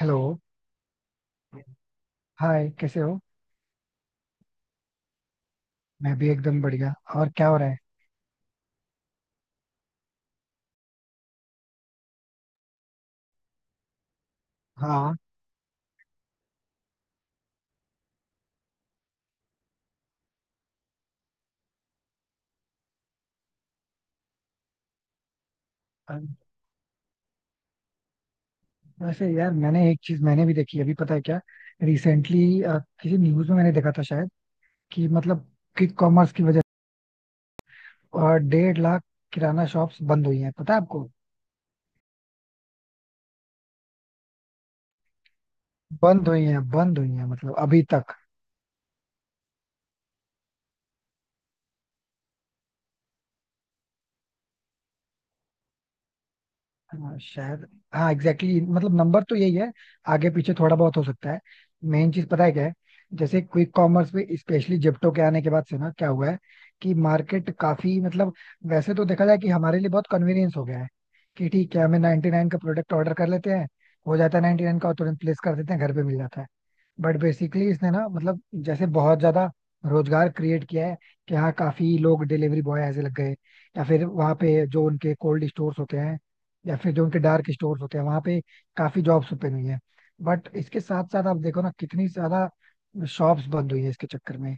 Hello. Hi, कैसे हो? मैं भी एकदम बढ़िया. और क्या हो रहा है? हाँ. अ, वैसे यार मैंने एक चीज मैंने भी देखी अभी, पता है क्या? रिसेंटली किसी न्यूज में मैंने देखा था शायद, कि मतलब क्विक कॉमर्स की वजह से 1,50,000 किराना शॉप्स बंद हुई हैं, पता है आपको? बंद हुई हैं बंद हुई हैं, मतलब अभी तक. हाँ शायद. हाँ, एग्जैक्टली, मतलब नंबर तो यही है. आगे पीछे थोड़ा बहुत हो सकता है. मेन चीज पता है क्या है? जैसे क्विक कॉमर्स में, स्पेशली जिप्टो के आने के बाद से ना क्या हुआ है कि मार्केट काफी मतलब, वैसे तो देखा जाए, कि हमारे लिए बहुत कन्वीनियंस हो गया है. कि ठीक है, हमें 99 नाइन का प्रोडक्ट ऑर्डर कर लेते हैं, हो जाता है 99 नाइन का, और तुरंत प्लेस कर देते हैं घर पे मिल जाता है. बट बेसिकली इसने ना मतलब जैसे बहुत ज्यादा रोजगार क्रिएट किया है. कि हाँ, काफी लोग डिलीवरी बॉय ऐसे लग गए, या फिर वहाँ पे जो उनके कोल्ड स्टोर्स होते हैं, या फिर जो उनके डार्क स्टोर्स होते हैं वहाँ पे काफी जॉब्स ओपन हुई है. बट इसके साथ साथ आप देखो ना कितनी ज्यादा शॉप्स बंद हुई है इसके चक्कर में.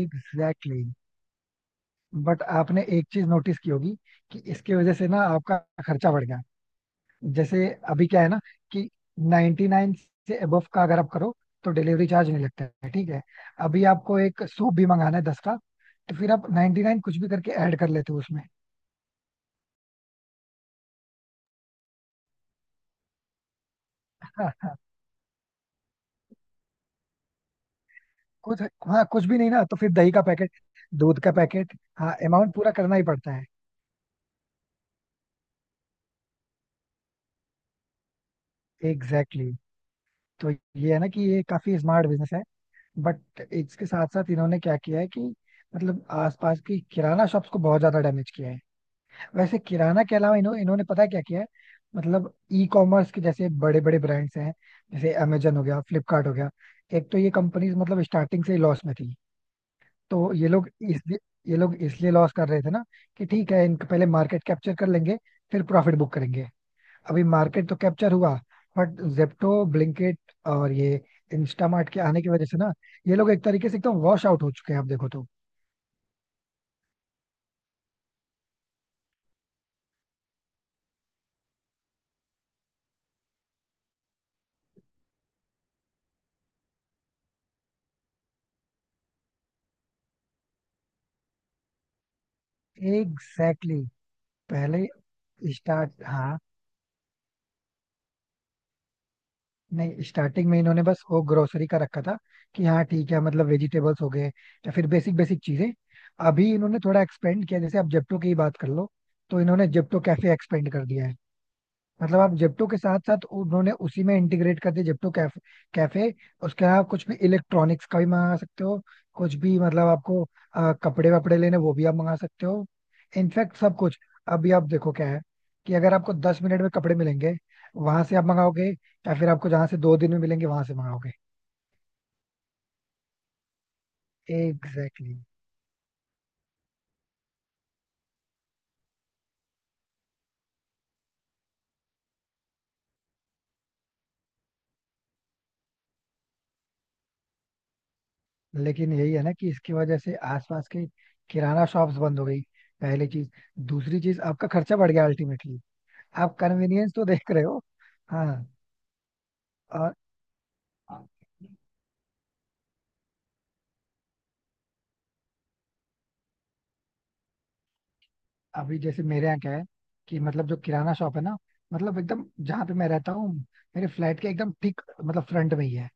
Exactly exactly. बट आपने एक चीज नोटिस की होगी कि इसकी वजह से ना आपका खर्चा बढ़ गया. जैसे अभी क्या है ना, कि 99 से अबव का अगर आप करो तो डिलीवरी चार्ज नहीं लगता है, ठीक है. अभी आपको एक सूप भी मंगाना है 10 का, तो फिर आप 99 कुछ भी करके ऐड कर लेते हो उसमें. हाँ हाँ, कुछ. हाँ, कुछ भी नहीं ना, तो फिर दही का पैकेट, दूध का पैकेट. हाँ, अमाउंट पूरा करना ही पड़ता है. Exactly exactly. तो ये है ना कि ये काफी स्मार्ट बिजनेस है. बट इसके साथ साथ इन्होंने क्या किया है कि मतलब आसपास की किराना शॉप्स को बहुत ज्यादा डैमेज किया है. वैसे किराना के अलावा इन्होंने पता है क्या किया है? मतलब ई कॉमर्स के जैसे बड़े बड़े ब्रांड्स हैं, जैसे अमेजन हो गया, फ्लिपकार्ट हो गया. एक तो ये कंपनीज मतलब स्टार्टिंग से ही लॉस में थी. तो ये लोग इसलिए लॉस कर रहे थे ना, कि ठीक है इनके पहले मार्केट कैप्चर कर लेंगे, फिर प्रॉफिट बुक करेंगे. अभी मार्केट तो कैप्चर हुआ. बट जेप्टो ब्लिंकिट और ये इंस्टामार्ट के आने की वजह से ना, ये लोग एक तरीके से एकदम वॉश आउट हो चुके हैं, आप देखो तो. Exactly exactly. पहले स्टार्ट. हाँ, नहीं, स्टार्टिंग में इन्होंने बस वो ग्रोसरी का रखा था. कि हाँ ठीक है, मतलब वेजिटेबल्स हो गए या फिर बेसिक बेसिक चीजें. अभी इन्होंने थोड़ा एक्सपेंड किया. जैसे आप जेप्टो की ही बात कर लो, तो इन्होंने जेप्टो कैफे एक्सपेंड कर दिया है. मतलब आप जेप्टो के साथ साथ उन्होंने उसी में इंटीग्रेट कर दिया जेप्टो कैफे कैफे उसके अलावा कुछ भी इलेक्ट्रॉनिक्स का भी मंगा सकते हो, कुछ भी मतलब आपको. कपड़े वपड़े लेने वो भी आप मंगा सकते हो. इनफैक्ट सब कुछ. अभी आप देखो क्या है, कि अगर आपको 10 मिनट में कपड़े मिलेंगे वहां से आप मंगाओगे, या फिर आपको जहां से 2 दिन में मिलेंगे वहां से मंगाओगे? Exactly exactly. लेकिन यही है ना कि इसकी वजह से आसपास के किराना शॉप्स बंद हो गई. पहली चीज. दूसरी चीज, आपका खर्चा बढ़ गया अल्टीमेटली. आप कन्वीनियंस तो देख रहे हो. हाँ, और अभी जैसे मेरे यहाँ क्या है, कि मतलब जो किराना शॉप है ना, मतलब एकदम जहाँ पे मैं रहता हूँ, मेरे फ्लैट के एकदम ठीक मतलब फ्रंट में ही है.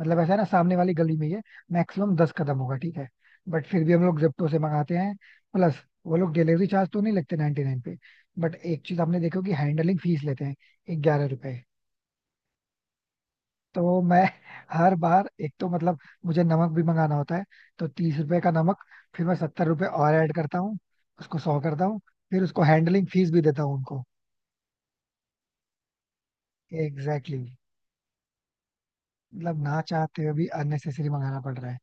मतलब ऐसा है ना, सामने वाली गली में ही है. मैक्सिमम 10 कदम होगा, ठीक है. बट फिर भी हम लोग जेप्टो से मंगाते हैं. प्लस वो लोग डिलीवरी चार्ज तो नहीं लगते 99 पे. बट एक चीज आपने देखो कि हैंडलिंग फीस लेते हैं 11 रुपए. तो मैं हर बार एक तो मतलब, मुझे नमक भी मंगाना होता है, तो 30 रुपए का नमक. फिर मैं 70 रुपए और ऐड करता हूँ, उसको 100 करता हूँ. फिर उसको हैंडलिंग फीस भी देता हूँ उनको. Exactly exactly. मतलब ना चाहते हुए भी अननेसेसरी मंगाना पड़ रहा है.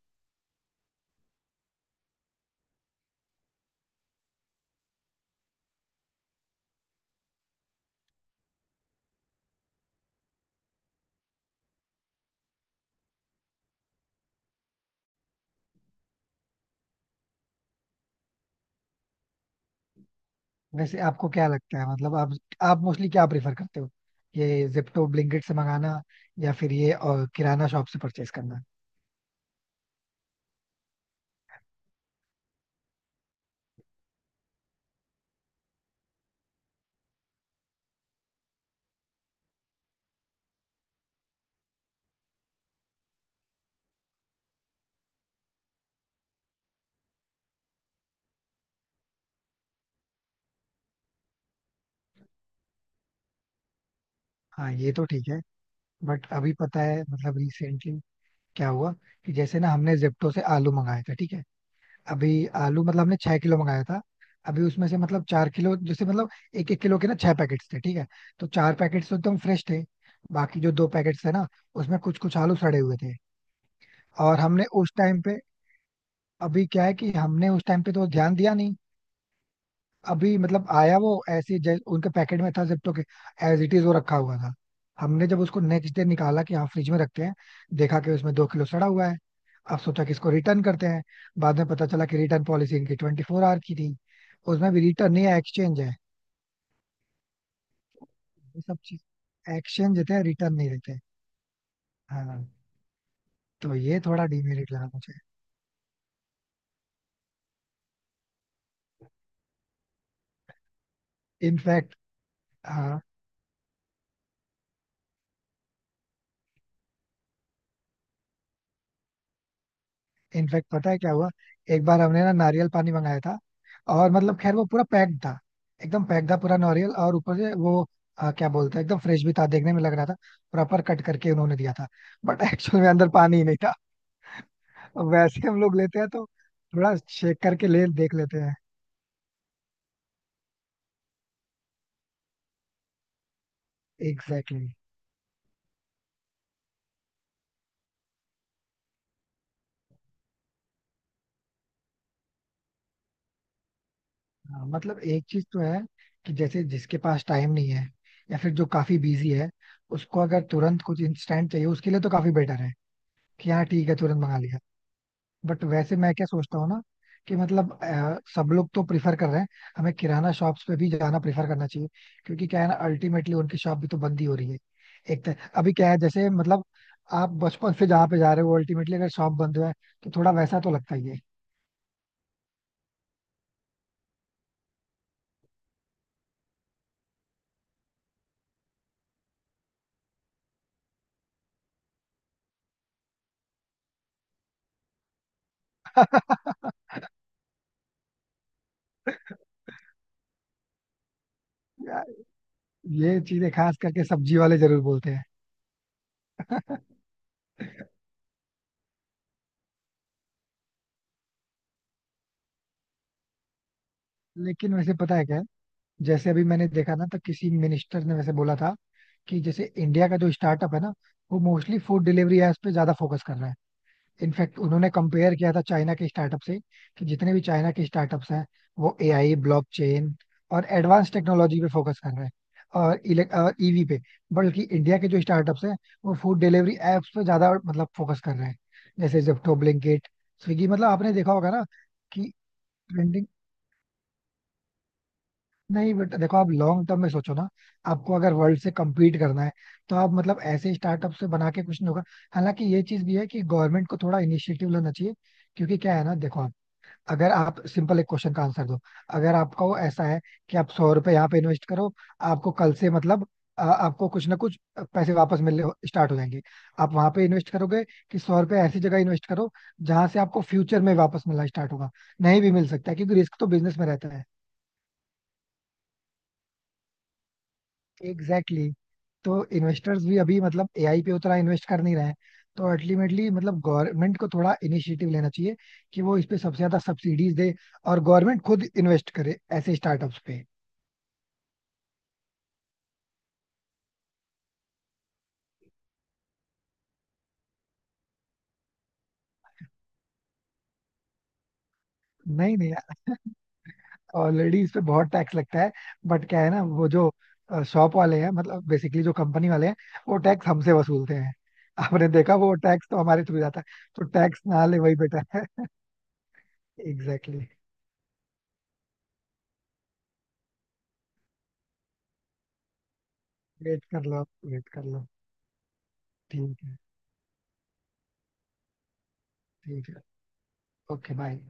वैसे आपको क्या लगता है, मतलब आप मोस्टली क्या प्रेफर करते हो, ये जिप्टो ब्लिंकिट से मंगाना, या फिर ये और किराना शॉप से परचेस करना? हाँ, ये तो ठीक है. बट अभी पता है मतलब रिसेंटली क्या हुआ, कि जैसे ना हमने जिप्टो से आलू मंगाए थे, ठीक है. अभी आलू, मतलब हमने 6 किलो मंगाया था. अभी उसमें से मतलब 4 किलो, जैसे मतलब, 1-1 किलो के ना 6 पैकेट्स थे, ठीक है. तो 4 पैकेट्स तो एकदम फ्रेश थे. बाकी जो 2 पैकेट्स थे ना, उसमें कुछ कुछ आलू सड़े हुए थे. और हमने उस टाइम पे, अभी क्या है कि हमने उस टाइम पे तो ध्यान दिया नहीं. अभी मतलब आया वो ऐसे उनके पैकेट में था जिप्टो के, एज इट इज वो रखा हुआ था. हमने जब उसको नेक्स्ट डे निकाला कि हाँ फ्रिज में रखते हैं, देखा कि उसमें 2 किलो सड़ा हुआ है. अब सोचा कि इसको रिटर्न करते हैं. बाद में पता चला कि रिटर्न पॉलिसी इनकी 24 आवर की थी. उसमें भी रिटर्न नहीं है, एक्सचेंज है. ये सब चीज एक्सचेंज देते हैं, रिटर्न नहीं देते. हाँ, तो ये थोड़ा डिमेरिट लगा मुझे. इनफैक्ट हाँ, इनफैक्ट पता है क्या हुआ? एक बार हमने ना नारियल पानी मंगाया था. और मतलब खैर वो पूरा पैक्ड था, एकदम पैक्ड था पूरा नारियल, और ऊपर से वो क्या बोलते हैं, एकदम फ्रेश भी था, देखने में लग रहा था, प्रॉपर कट करके उन्होंने दिया था. बट एक्चुअल में अंदर पानी ही नहीं था. वैसे हम लोग लेते हैं तो थोड़ा शेक करके ले देख लेते हैं. Exactly exactly. हाँ, मतलब एक चीज तो है, कि जैसे जिसके पास टाइम नहीं है, या फिर जो काफी बिजी है, उसको अगर तुरंत कुछ इंस्टेंट चाहिए उसके लिए तो काफी बेटर है. कि हाँ ठीक है, तुरंत मंगा लिया. बट वैसे मैं क्या सोचता हूँ ना, कि मतलब सब लोग तो प्रिफर कर रहे हैं, हमें किराना शॉप्स पे भी जाना प्रिफर करना चाहिए. क्योंकि क्या है ना, अल्टीमेटली उनकी शॉप भी तो बंद ही हो रही है. एक तरह अभी क्या है जैसे मतलब, आप बचपन से जहाँ पे जा रहे हो अल्टीमेटली अगर शॉप बंद है, तो थोड़ा वैसा तो लगता ही है. यार, ये चीजें खास करके सब्जी वाले जरूर बोलते हैं. लेकिन वैसे पता है क्या है? जैसे अभी मैंने देखा ना तो किसी मिनिस्टर ने वैसे बोला था, कि जैसे इंडिया का जो स्टार्टअप है ना, वो मोस्टली फूड डिलीवरी एप्स पे ज्यादा फोकस कर रहा है. इनफैक्ट उन्होंने कंपेयर किया था चाइना के स्टार्टअप से, कि जितने भी चाइना के स्टार्टअप्स हैं, वो एआई ब्लॉकचेन और एडवांस टेक्नोलॉजी पे फोकस कर रहे हैं, और इलेक्ट ईवी पे. बल्कि इंडिया के जो स्टार्टअप्स हैं, वो फूड डिलीवरी एप्स पे ज्यादा मतलब फोकस कर रहे हैं, जैसे जेप्टो, ब्लिंकिट, स्विगी, मतलब आपने देखा होगा ना कि ट्रेंडिंग. नहीं, बट देखो आप लॉन्ग टर्म में सोचो ना, आपको अगर वर्ल्ड से कम्पीट करना है, तो आप मतलब ऐसे स्टार्टअप से बना के कुछ नहीं होगा. हालांकि ये चीज भी है कि गवर्नमेंट को थोड़ा इनिशिएटिव लेना चाहिए. क्योंकि क्या है ना, देखो आप, अगर आप सिंपल एक क्वेश्चन का आंसर दो. अगर आपका वो ऐसा है कि आप 100 रुपए यहाँ पे इन्वेस्ट करो, आपको कल से मतलब आपको कुछ ना कुछ पैसे वापस मिलने स्टार्ट हो जाएंगे, आप वहां पे इन्वेस्ट करोगे? कि सौ रुपए ऐसी जगह इन्वेस्ट करो जहां से आपको फ्यूचर में वापस मिलना स्टार्ट होगा, नहीं भी मिल सकता है क्योंकि रिस्क तो बिजनेस में रहता है. Exactly exactly. तो इन्वेस्टर्स भी अभी मतलब एआई पे उतना इन्वेस्ट कर नहीं रहे हैं. तो अल्टीमेटली मतलब गवर्नमेंट को थोड़ा इनिशिएटिव लेना चाहिए, कि वो इस पे सबसे ज्यादा सब्सिडीज दे, और गवर्नमेंट खुद इन्वेस्ट करे ऐसे स्टार्टअप्स पे. नहीं नहीं, ऑलरेडी इस पे बहुत टैक्स लगता है. बट क्या है ना, वो जो शॉप वाले हैं, मतलब बेसिकली जो कंपनी वाले हैं, वो टैक्स हमसे वसूलते हैं. आपने देखा वो टैक्स तो हमारे थ्रू जाता है. तो टैक्स ना ले वही बेटर है. एग्जैक्टली. वेट कर लो, वेट कर लो. ठीक है, ठीक है. Okay, bye.